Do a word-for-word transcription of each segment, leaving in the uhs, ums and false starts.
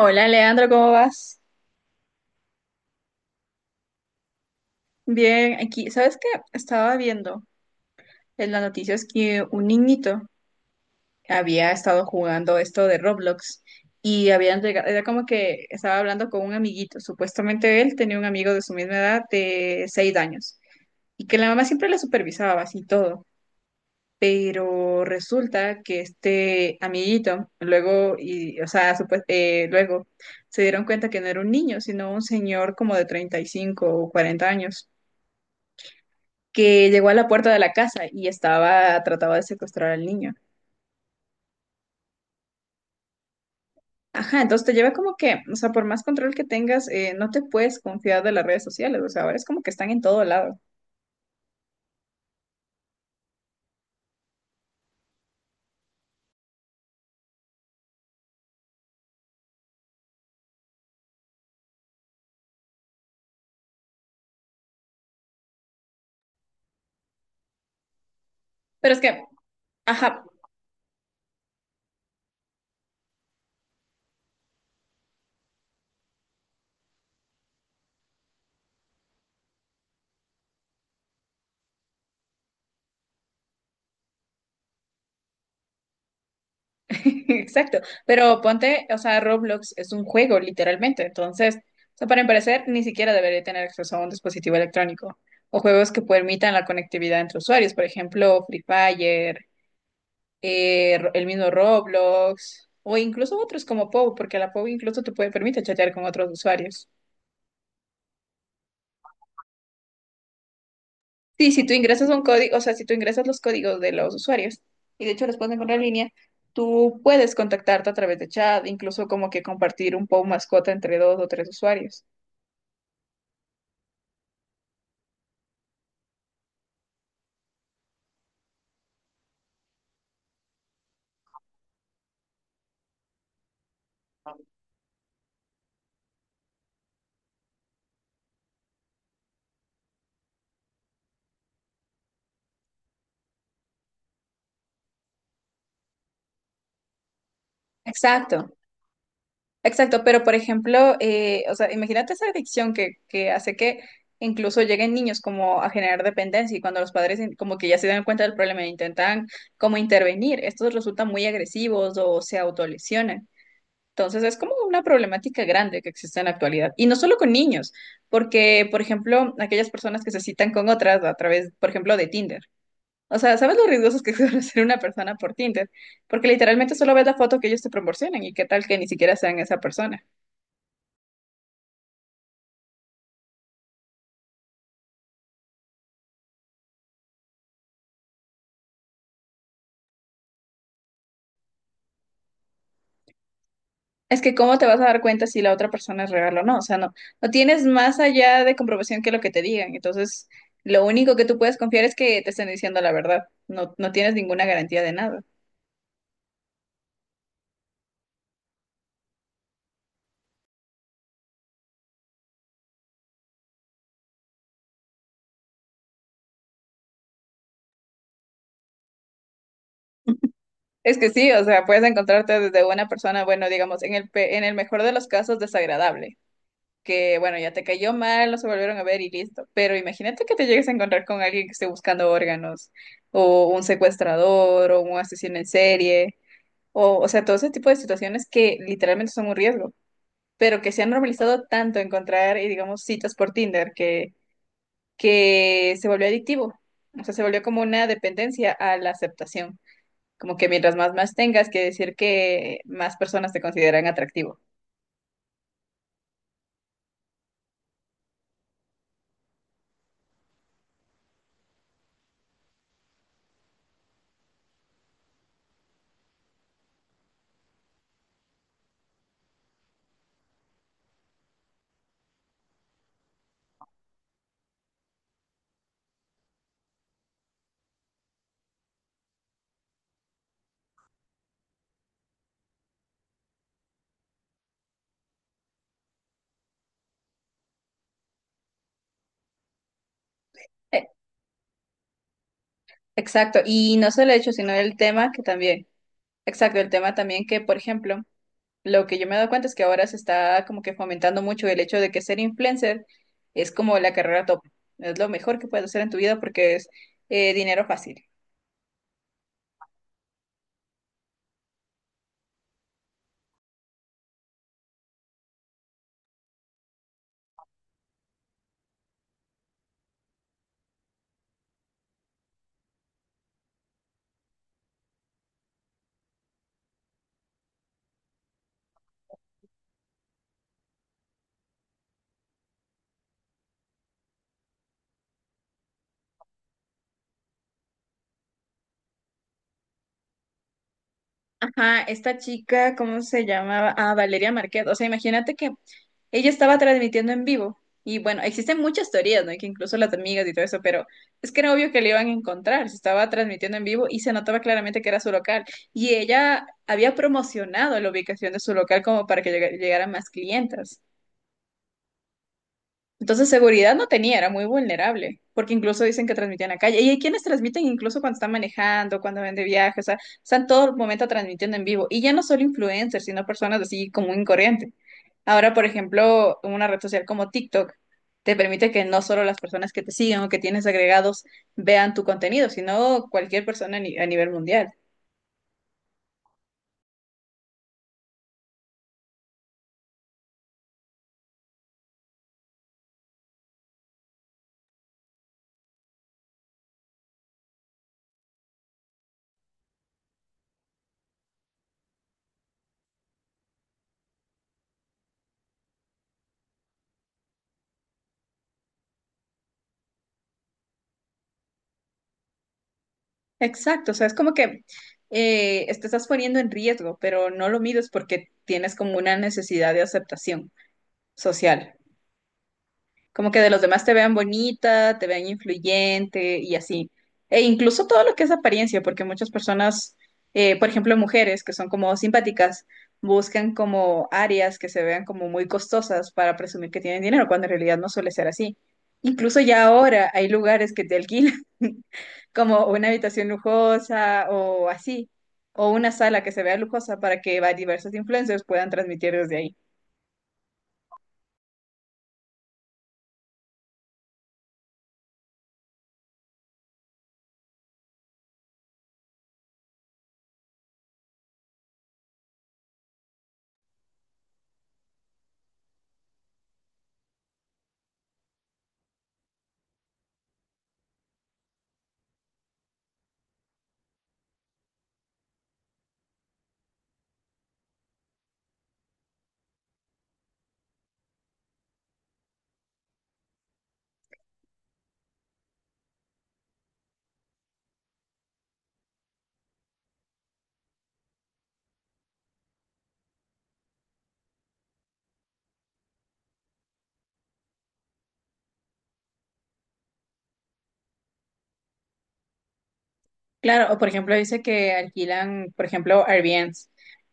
Hola Leandro, ¿cómo vas? Bien, aquí, ¿sabes qué? Estaba viendo en las noticias que un niñito había estado jugando esto de Roblox y habían llegado, era como que estaba hablando con un amiguito, supuestamente él tenía un amigo de su misma edad de seis años y que la mamá siempre le supervisaba así todo, pero resulta que este amiguito luego, y, o sea, supue- eh, luego se dieron cuenta que no era un niño, sino un señor como de treinta y cinco o cuarenta años que llegó a la puerta de la casa y estaba, trataba de secuestrar al niño. Ajá, entonces te lleva como que, o sea, por más control que tengas, eh, no te puedes confiar de las redes sociales, o sea, ahora es como que están en todo lado. Pero es que, ajá, exacto, pero ponte, o sea, Roblox es un juego, literalmente, entonces, o sea, para empezar, ni siquiera debería tener acceso a un dispositivo electrónico o juegos que permitan la conectividad entre usuarios, por ejemplo, Free Fire, eh, ro- el mismo Roblox o incluso otros como P O W, porque la P O W incluso te puede permite chatear con otros usuarios. Sí, si tú ingresas un código, o sea, si tú ingresas los códigos de los usuarios y de hecho los puedes encontrar en línea, tú puedes contactarte a través de chat, incluso como que compartir un P O W mascota entre dos o tres usuarios. Exacto. Exacto, pero por ejemplo, eh, o sea, imagínate esa adicción que, que hace que incluso lleguen niños como a generar dependencia y cuando los padres in- como que ya se dan cuenta del problema e intentan como intervenir, estos resultan muy agresivos o se autolesionan. Entonces es como una problemática grande que existe en la actualidad. Y no solo con niños, porque por ejemplo, aquellas personas que se citan con otras a través, por ejemplo, de Tinder. O sea, ¿sabes lo riesgosos que suele ser una persona por Tinder? Porque literalmente solo ves la foto que ellos te proporcionan y qué tal que ni siquiera sean esa persona. Es que cómo te vas a dar cuenta si la otra persona es real o no, o sea, no, no tienes más allá de comprobación que lo que te digan, entonces lo único que tú puedes confiar es que te estén diciendo la verdad, no, no tienes ninguna garantía de nada. Es que sí, o sea, puedes encontrarte desde una persona, bueno, digamos, en el, pe- en el mejor de los casos desagradable, que bueno, ya te cayó mal, no se volvieron a ver y listo, pero imagínate que te llegues a encontrar con alguien que esté buscando órganos, o un secuestrador, o un asesino en serie, o, o sea, todo ese tipo de situaciones que literalmente son un riesgo. Pero que se han normalizado tanto encontrar, eh, digamos, citas por Tinder que, que se volvió adictivo. O sea, se volvió como una dependencia a la aceptación. Como que mientras más más tengas, que decir que más personas te consideran atractivo. Eh, exacto. Y no solo el hecho, sino el tema que también. Exacto, el tema también que, por ejemplo, lo que yo me he dado cuenta es que ahora se está como que fomentando mucho el hecho de que ser influencer es como la carrera top. Es lo mejor que puedes hacer en tu vida porque es eh, dinero fácil. Ajá, esta chica, ¿cómo se llamaba? Ah, Valeria Marquez. O sea, imagínate que ella estaba transmitiendo en vivo. Y bueno, existen muchas teorías, ¿no? Y que incluso las amigas y todo eso, pero es que era obvio que le iban a encontrar. Se estaba transmitiendo en vivo y se notaba claramente que era su local. Y ella había promocionado la ubicación de su local como para que llega- llegaran más clientas. Entonces seguridad no tenía, era muy vulnerable, porque incluso dicen que transmitían a calle. Y hay quienes transmiten incluso cuando están manejando, cuando van de viaje, o sea, están todo el momento transmitiendo en vivo. Y ya no solo influencers, sino personas así común y corriente. Ahora, por ejemplo, una red social como TikTok te permite que no solo las personas que te siguen o que tienes agregados vean tu contenido, sino cualquier persona a ni- a nivel mundial. Exacto, o sea, es como que eh, te estás poniendo en riesgo, pero no lo mides porque tienes como una necesidad de aceptación social. Como que de los demás te vean bonita, te vean influyente y así. E incluso todo lo que es apariencia, porque muchas personas, eh, por ejemplo, mujeres que son como simpáticas, buscan como áreas que se vean como muy costosas para presumir que tienen dinero, cuando en realidad no suele ser así. Incluso ya ahora hay lugares que te alquilan como una habitación lujosa o así, o una sala que se vea lujosa para que va- diversos influencers puedan transmitir desde ahí. Claro, o por ejemplo dice que alquilan, por ejemplo, Airbnbs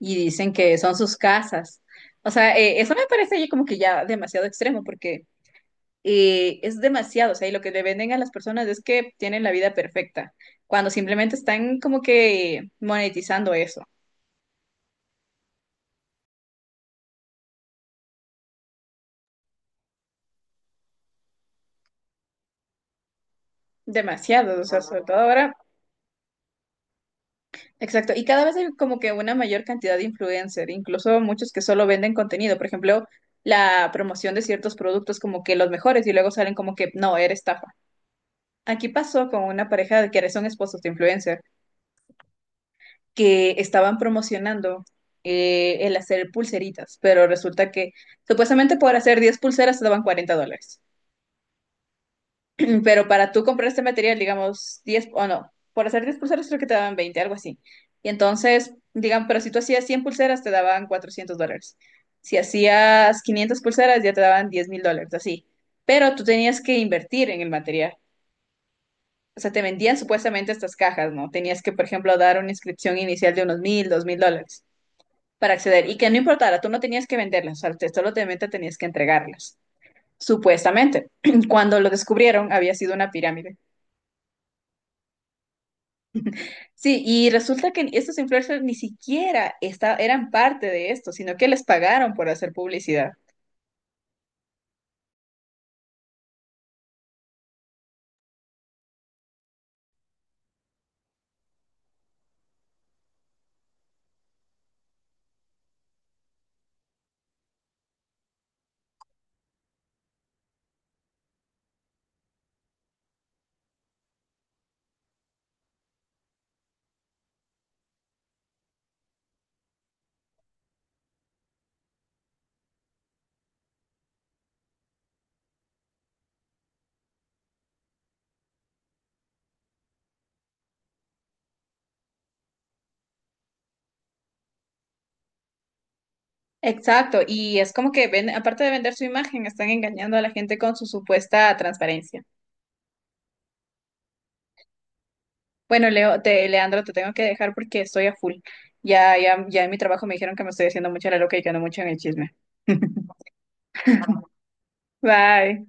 y dicen que son sus casas. O sea, eh, eso me parece ya como que ya demasiado extremo porque eh, es demasiado, o sea, y lo que le venden a las personas es que tienen la vida perfecta, cuando simplemente están como que monetizando eso. Demasiado, o sea, sobre todo ahora. Exacto, y cada vez hay como que una mayor cantidad de influencers, incluso muchos que solo venden contenido, por ejemplo, la promoción de ciertos productos como que los mejores y luego salen como que no, era estafa. Aquí pasó con una pareja de que son esposos de influencer que estaban promocionando eh, el hacer pulseritas, pero resulta que supuestamente por hacer diez pulseras te daban cuarenta dólares. Mm, pero para tú comprar este material, digamos, diez o no, por hacer diez pulseras creo que te daban veinte, algo así. Y entonces, digan, pero si tú hacías cien pulseras, te daban cuatrocientos dólares. Si hacías quinientas pulseras, ya te daban diez mil dólares, así. Pero tú tenías que invertir en el material. O sea, te vendían supuestamente estas cajas, ¿no? Tenías que, por ejemplo, dar una inscripción inicial de unos mil, dos mil dólares para acceder. Y que no importara, tú no tenías que venderlas, o sea, te- solamente tenías que entregarlas, supuestamente. Cuando lo descubrieron, había sido una pirámide. Sí, y resulta que estos influencers ni siquiera esta- eran parte de esto, sino que les pagaron por hacer publicidad. Exacto, y es como que ven, aparte de vender su imagen, están engañando a la gente con su supuesta transparencia. Bueno, Leo, te, Leandro, te tengo que dejar porque estoy a full. Ya, ya, ya en mi trabajo me dijeron que me estoy haciendo mucho la loca y que no mucho en el chisme. Bye.